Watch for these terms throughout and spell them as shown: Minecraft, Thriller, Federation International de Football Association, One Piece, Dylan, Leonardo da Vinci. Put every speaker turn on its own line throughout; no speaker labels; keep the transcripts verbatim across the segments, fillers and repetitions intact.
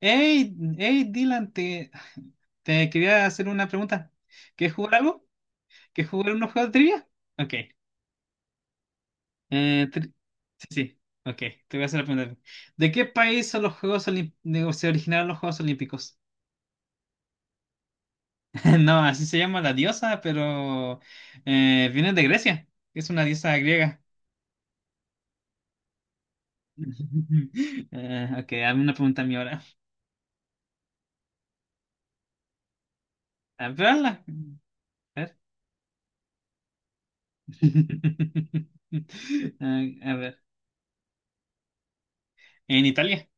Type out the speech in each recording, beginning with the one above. Hey, hey, Dylan, te, te quería hacer una pregunta. ¿Quieres jugar algo? ¿Quieres jugar unos juegos de trivia? Ok. Eh, tri- sí, sí. Ok, te voy a hacer la pregunta. ¿De qué país son los Juegos Olim- se originaron los Juegos Olímpicos? No, así se llama la diosa, pero eh, viene de Grecia. Es una diosa griega. Eh, ok, hazme una pregunta a mí ahora. A ver, hazla. A ver. Ah, a ver. En Italia.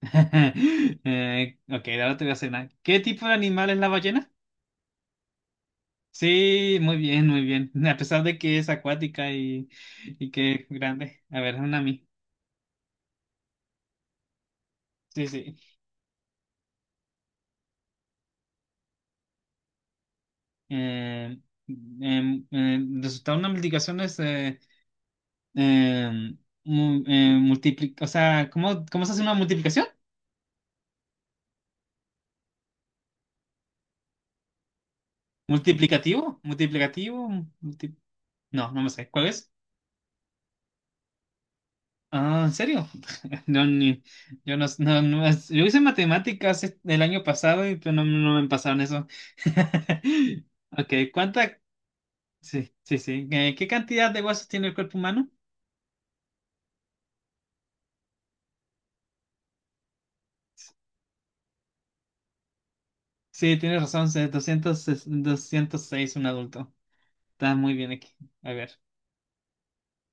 Eh, ok, ahora te voy a hacer una. ¿Qué tipo de animal es la ballena? Sí, muy bien, muy bien. A pesar de que es acuática y, y que es grande. A ver, una a mí. Sí, sí. Eh, em, eh, resultado de una multiplicación es eh, em, mu- eh, multipli- o sea, ¿cómo, cómo se hace una multiplicación? ¿Multiplicativo? ¿Multiplicativo? multi- No, no me sé. ¿Cuál es? Ah, ¿en serio? No, ni, yo no, no, no, yo hice matemáticas es- el año pasado y pues no, no me pasaron eso. Ok, ¿cuánta? Sí, sí, sí. Eh, ¿Qué cantidad de huesos tiene el cuerpo humano? Sí, tienes razón, es doscientos es doscientos seis un adulto. Está muy bien aquí. A ver,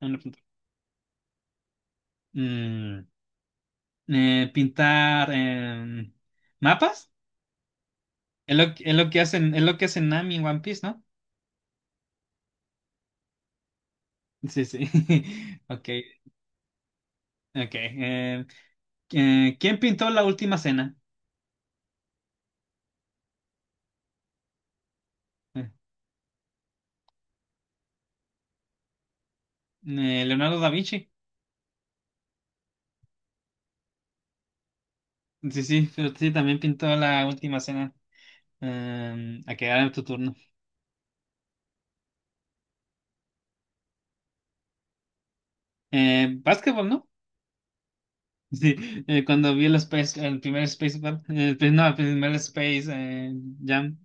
un punto. Mm, eh, pintar em, mapas. Es lo, es lo que hacen, es lo que hacen Nami en One Piece, ¿no? Sí, sí. Ok, ok. eh, Eh, ¿quién pintó la última cena? Eh, eh, Leonardo da Vinci. Sí, sí, pero sí, también pintó la última cena. Eh, a quedar en tu turno. Eh, básquetbol, ¿no? Sí, eh, cuando vi el, space, el primer Space Ball, eh, pues, no, el primer Space eh, Jam.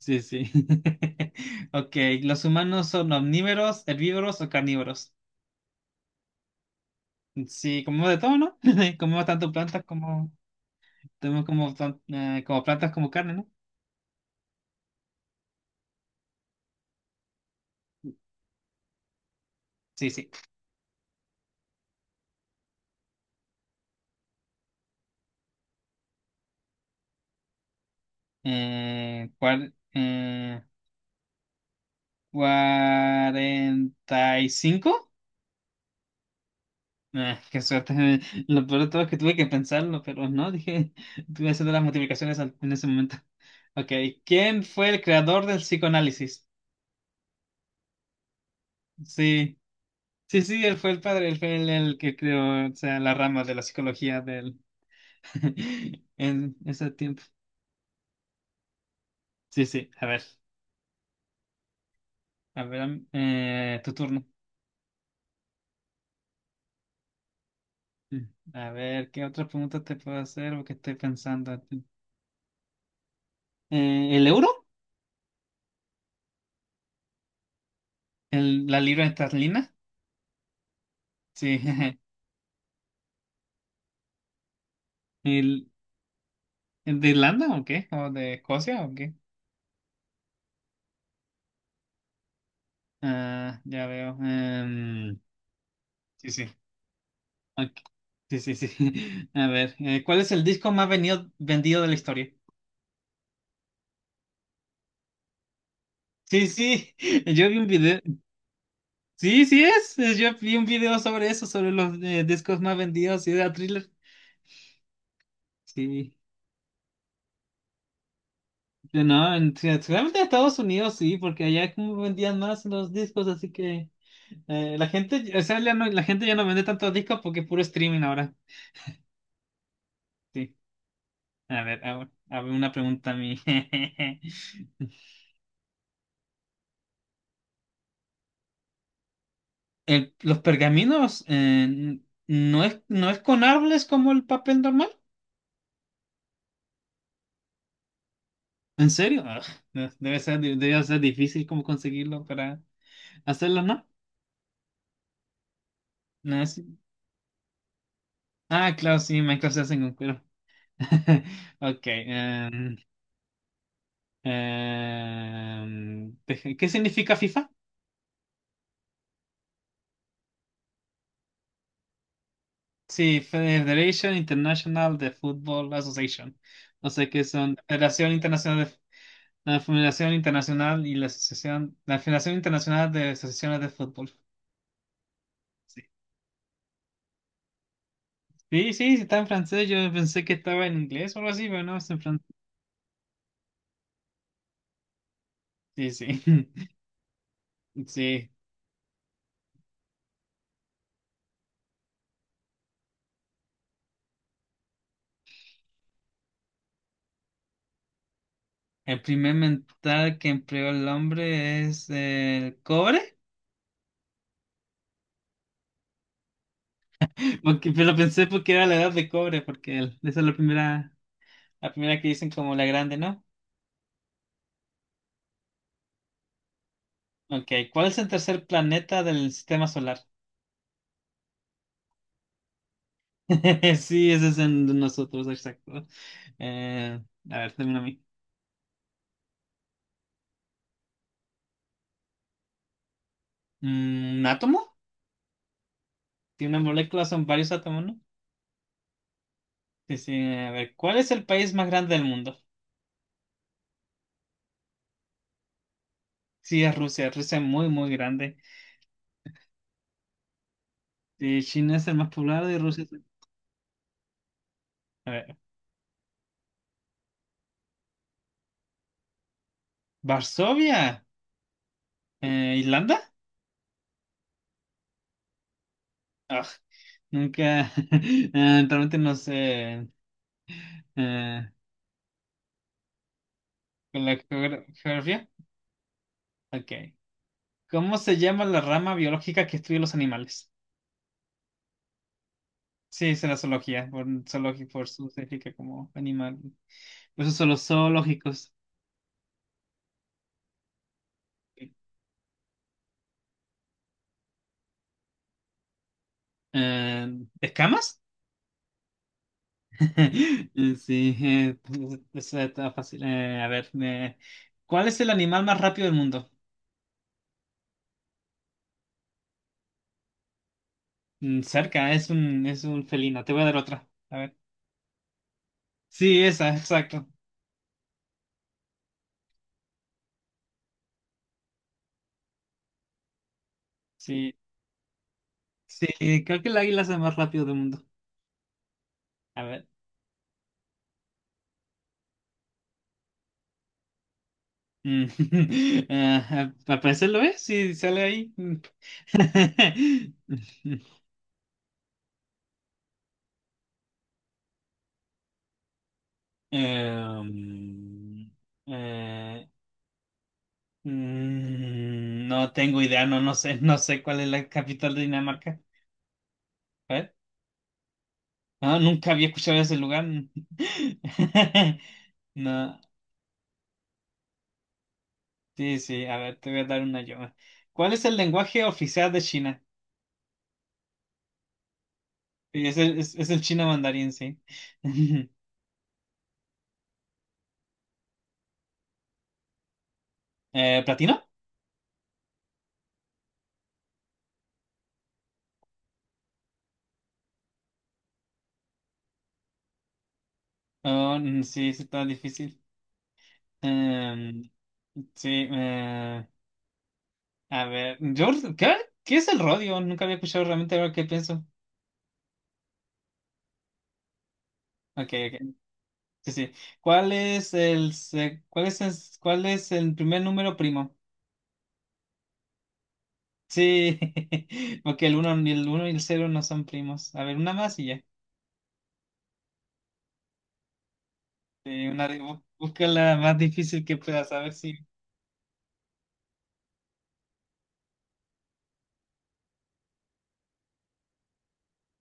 Sí, sí. Ok, ¿los humanos son omnívoros, herbívoros o carnívoros? Sí, comemos de todo, ¿no? Comemos tanto plantas como, tenemos como, tan- eh, como plantas como carne, ¿no? Sí, sí. Eh, cuar- eh, cuarenta y cinco. Ah, qué suerte. Lo peor de todo es que tuve que pensarlo, pero no, dije, tuve que hacer las multiplicaciones al- en ese momento. Ok, ¿quién fue el creador del psicoanálisis? Sí, sí, sí, él fue el padre, él fue el, el que creó, o sea, la rama de la psicología del, en ese tiempo. Sí, sí, a ver, a ver, am- eh, tu turno. Mm. A ver, ¿qué otra pregunta te puedo hacer? O qué estoy pensando. Eh, ¿el euro? ¿El- la libra esterlina? Sí. ¿El, el de Irlanda o qué? ¿O de Escocia o qué? Ah, ya veo. Em, sí, sí. Ok. Sí, sí, sí. A ver, eh, ¿cuál es el disco más venido- vendido de la historia? Sí, sí. Yo vi un video. Sí, sí es. eh, Yo vi un video sobre eso, sobre los eh, discos más vendidos y de Thriller. Sí. Pero no, en, sí, realmente en Estados Unidos sí, porque allá como vendían más los discos, así que. Eh, la gente, o sea, ya no- la gente ya no vende tantos discos porque es puro streaming ahora. Sí. A ver, ahora, a ver una pregunta a mí. El- los pergaminos eh, no es, no es, con árboles como el papel normal. ¿En serio? Ugh, no, debe ser, di- debe ser difícil como conseguirlo para hacerlo, ¿no? No es- Ah, claro, sí, Minecraft se hace con cuero. Ok. em, em, deja- ¿qué significa FIFA? Sí, Federation International de Football Association. O sea que son la Federación Internacional de, la Federación Internacional y la Asociación, la Federación Internacional de Asociaciones de Fútbol. Sí, sí, sí, sí, está en francés. Yo pensé que estaba en inglés o algo así, pero no, está en francés. Sí, sí. Sí. El primer metal que empleó el hombre es el cobre. Porque, pero pensé porque era la edad de cobre, porque el- esa es la primera, la primera que dicen como la grande, ¿no? Ok, ¿cuál es el tercer planeta del sistema solar? Sí, ese es en nosotros, exacto. Eh, a ver, dame a mí. Mm, ¿Un átomo? Tiene una molécula, son varios átomos, ¿no? Sí, sí, a ver, ¿cuál es el país más grande del mundo? Sí, es Rusia. Rusia es muy, muy grande. Sí, China es el más poblado y Rusia es el- A ver, ¿Varsovia? Eh, ¿Islanda? Ah, nunca, eh, realmente no sé. Eh, ¿con la geogra- geografía? Ok. ¿Cómo se llama la rama biológica que estudia los animales? Sí, es la zoología, por, zoologi- por su significa como animal. Por eso son los zoológicos. Eh, ¿escamas? Eh, Sí, eh, pues, eso está fácil. Eh, a ver, eh, ¿cuál es el animal más rápido del mundo? Mm, Cerca, es un, es un felino. Te voy a dar otra. A ver. Sí, esa, exacto. Sí, sí, creo que el águila es el más rápido del mundo. A ver. Mm, ah, al parecer lo es, si sale ahí. Em, eh, mm, no tengo idea, no, no sé, no sé cuál es la capital de Dinamarca. A ver. Ah, nunca había escuchado ese lugar. No, sí, sí, a ver, te voy a dar una yo. ¿Cuál es el lenguaje oficial de China? Sí, Es el, es, es el chino mandarín, sí. Eh, ¿platino? Oh, mm, sí, sí, está difícil. Em, sí, eh, a ver, yo, ¿qué? ¿Qué es el rodio? Nunca había escuchado realmente ahora que pienso. Ok, ok. Sí, sí. ¿Cuál es el, se- cuál es el, cuál es el primer número primo? Sí, porque el uno ni el uno y el cero no son primos. A ver, una más y ya. Sí, una, de- bú- busca la más difícil que puedas, a ver si.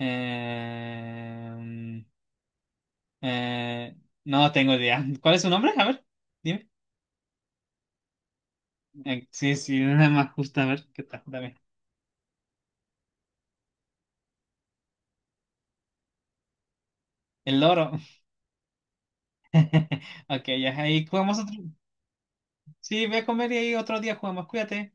Em, eh, no tengo idea. ¿Cuál es su nombre? A ver, dime. Eh, sí, sí, una más justa, a ver, ¿qué tal? Dame. El loro. Ok, ya ahí jugamos otro. Sí, voy a comer y ahí otro día jugamos. Cuídate.